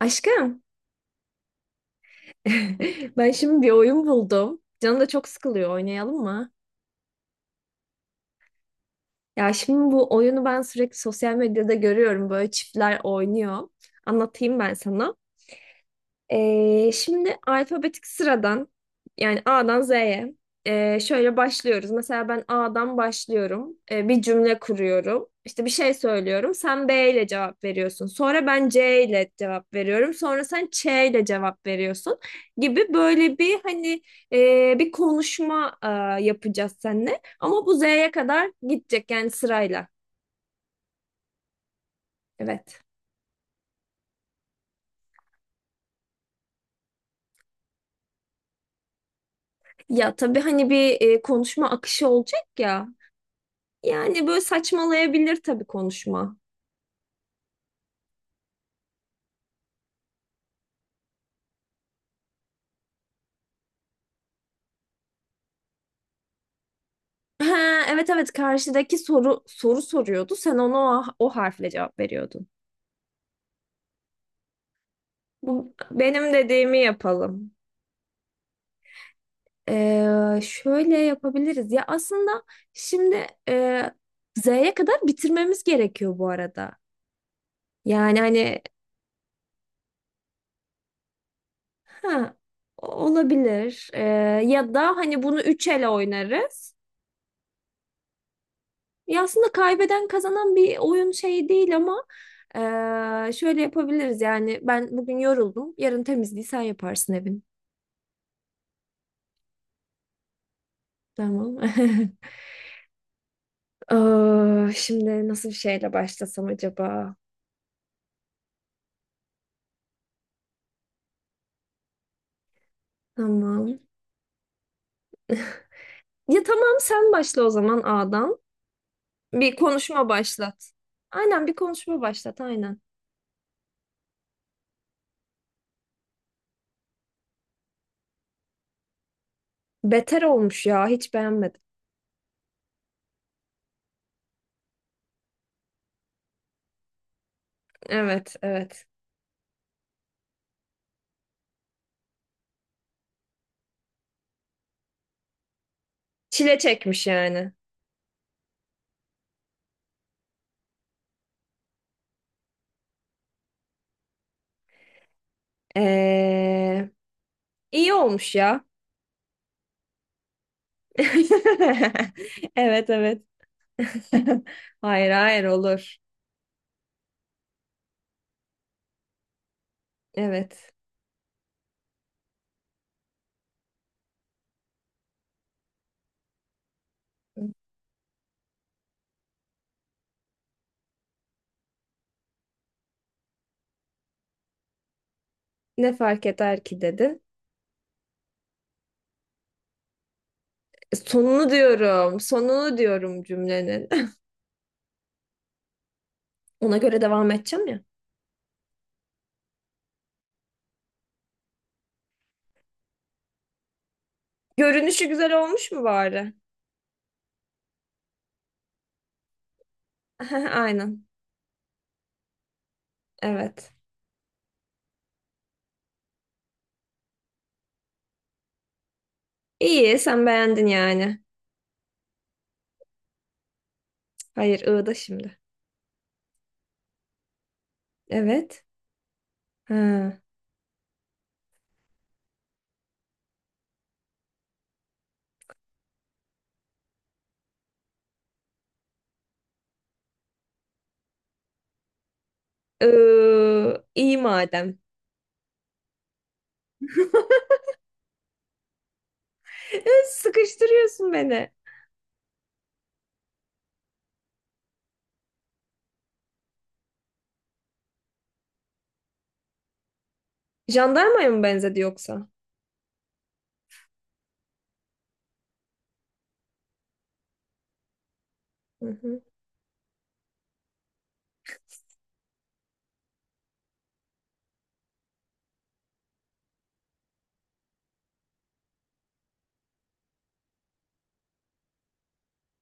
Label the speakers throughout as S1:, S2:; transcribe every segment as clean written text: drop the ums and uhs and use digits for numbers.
S1: Aşkım, ben şimdi bir oyun buldum. Canım da çok sıkılıyor. Oynayalım mı? Ya şimdi bu oyunu ben sürekli sosyal medyada görüyorum. Böyle çiftler oynuyor. Anlatayım ben sana. Şimdi alfabetik sıradan, yani A'dan Z'ye şöyle başlıyoruz. Mesela ben A'dan başlıyorum. Bir cümle kuruyorum. İşte bir şey söylüyorum. Sen B ile cevap veriyorsun. Sonra ben C ile cevap veriyorum. Sonra sen Ç ile cevap veriyorsun gibi. Böyle bir hani bir konuşma yapacağız seninle. Ama bu Z'ye kadar gidecek, yani sırayla. Evet. Ya tabii hani bir konuşma akışı olacak ya. Yani böyle saçmalayabilir tabii konuşma. Ha, evet evet, karşıdaki soru soruyordu. Sen ona o harfle cevap veriyordun. Bu benim dediğimi yapalım. Şöyle yapabiliriz. Ya aslında şimdi Z'ye kadar bitirmemiz gerekiyor bu arada. Yani hani ha, olabilir. Ya da hani bunu üç ele oynarız. Ya aslında kaybeden kazanan bir oyun şeyi değil ama şöyle yapabiliriz. Yani ben bugün yoruldum. Yarın temizliği sen yaparsın evin. Tamam. Aa, şimdi nasıl bir şeyle başlasam acaba? Tamam. Ya tamam, sen başla o zaman A'dan. Bir konuşma başlat. Aynen, bir konuşma başlat aynen. Beter olmuş ya, hiç beğenmedim. Evet evet. Çile çekmiş yani. Ee, iyi olmuş ya. Evet evet. Hayır hayır, olur. Evet. Ne fark eder ki dedin. Sonunu diyorum. Sonunu diyorum cümlenin. Ona göre devam edeceğim ya. Görünüşü güzel olmuş mu bari? Aynen. Evet. İyi, sen beğendin yani. Hayır, ığda şimdi. Evet. Ha. İyi madem. Ya, sıkıştırıyorsun beni. Jandarmaya mı benzedi yoksa? Hı hı.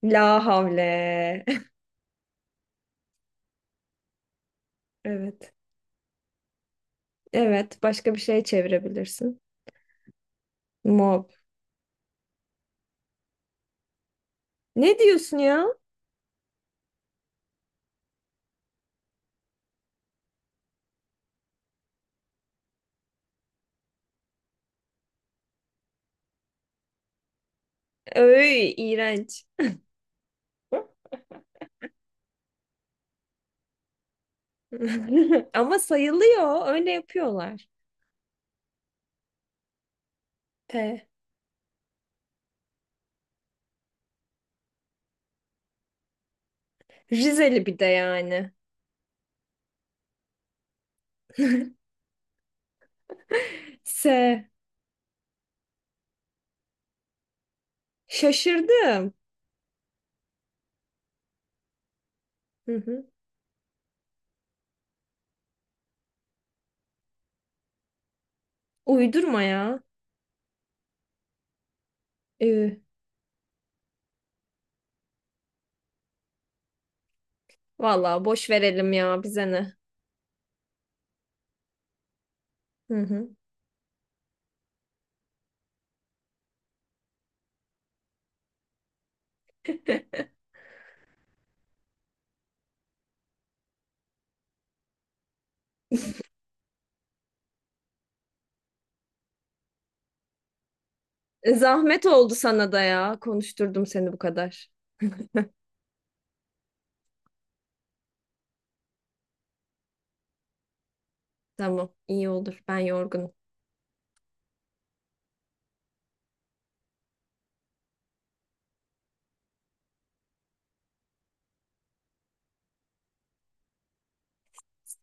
S1: La havle. Evet. Evet. Başka bir şey çevirebilirsin. Mob. Ne diyorsun ya? Öy, iğrenç. Ama sayılıyor. Öyle yapıyorlar. P. Rizeli bir de yani. S. Şaşırdım. Hı hı. Uydurma ya. Ü. Vallahi boş verelim ya, bize ne. Hı hı. Zahmet oldu sana da ya. Konuşturdum seni bu kadar. Tamam, iyi olur. Ben yorgunum.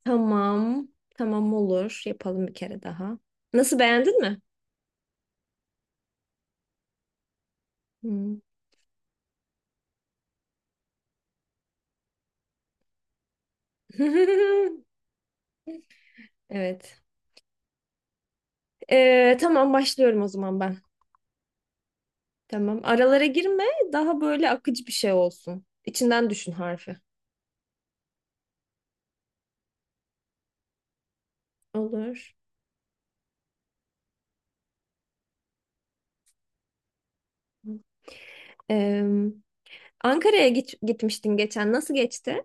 S1: Tamam. Tamam, olur. Yapalım bir kere daha. Nasıl, beğendin mi? Hmm. Evet. Tamam, başlıyorum o zaman ben. Tamam. Aralara girme. Daha böyle akıcı bir şey olsun. İçinden düşün harfi. Olur. Ee, Ankara'ya gitmiştin geçen. Nasıl geçti?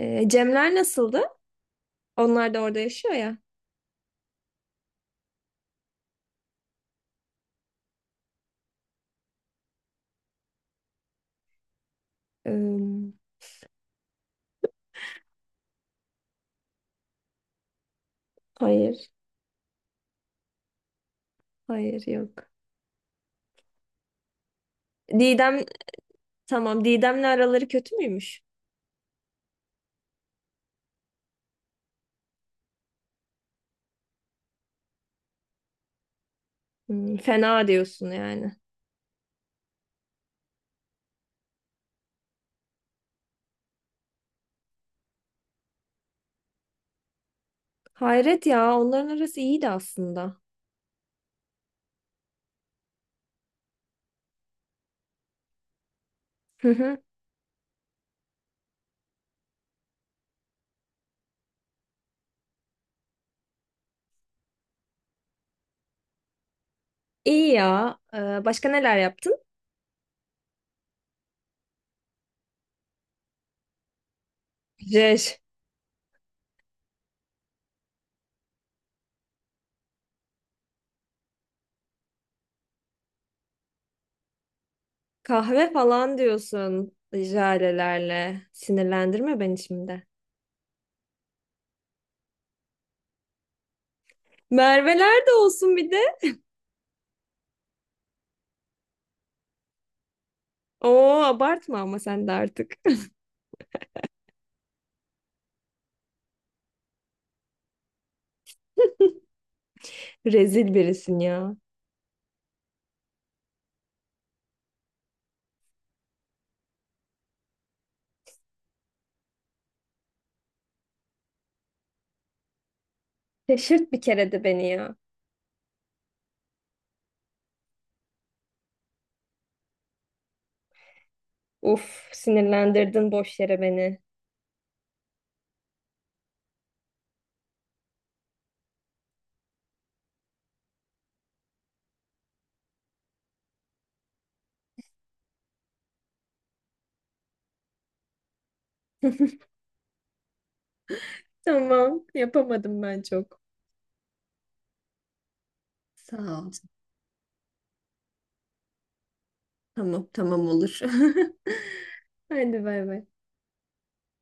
S1: Cemler nasıldı? Onlar da orada yaşıyor ya. Ee, hayır. Hayır yok. Didem, tamam. Didem'le araları kötü müymüş? Hmm, fena diyorsun yani. Hayret ya. Onların arası iyiydi aslında. İyi ya. Başka neler yaptın? Jej. Kahve falan diyorsun jalelerle. Sinirlendirme beni şimdi. Merveler de olsun bir de. Oo, abartma ama sen de artık. Rezil birisin ya. Şaşırt bir kere de beni ya. Uf, sinirlendirdin boş yere beni. Tamam, yapamadım ben çok. Sağ ol. Tamam tamam, olur. Hadi bay bay.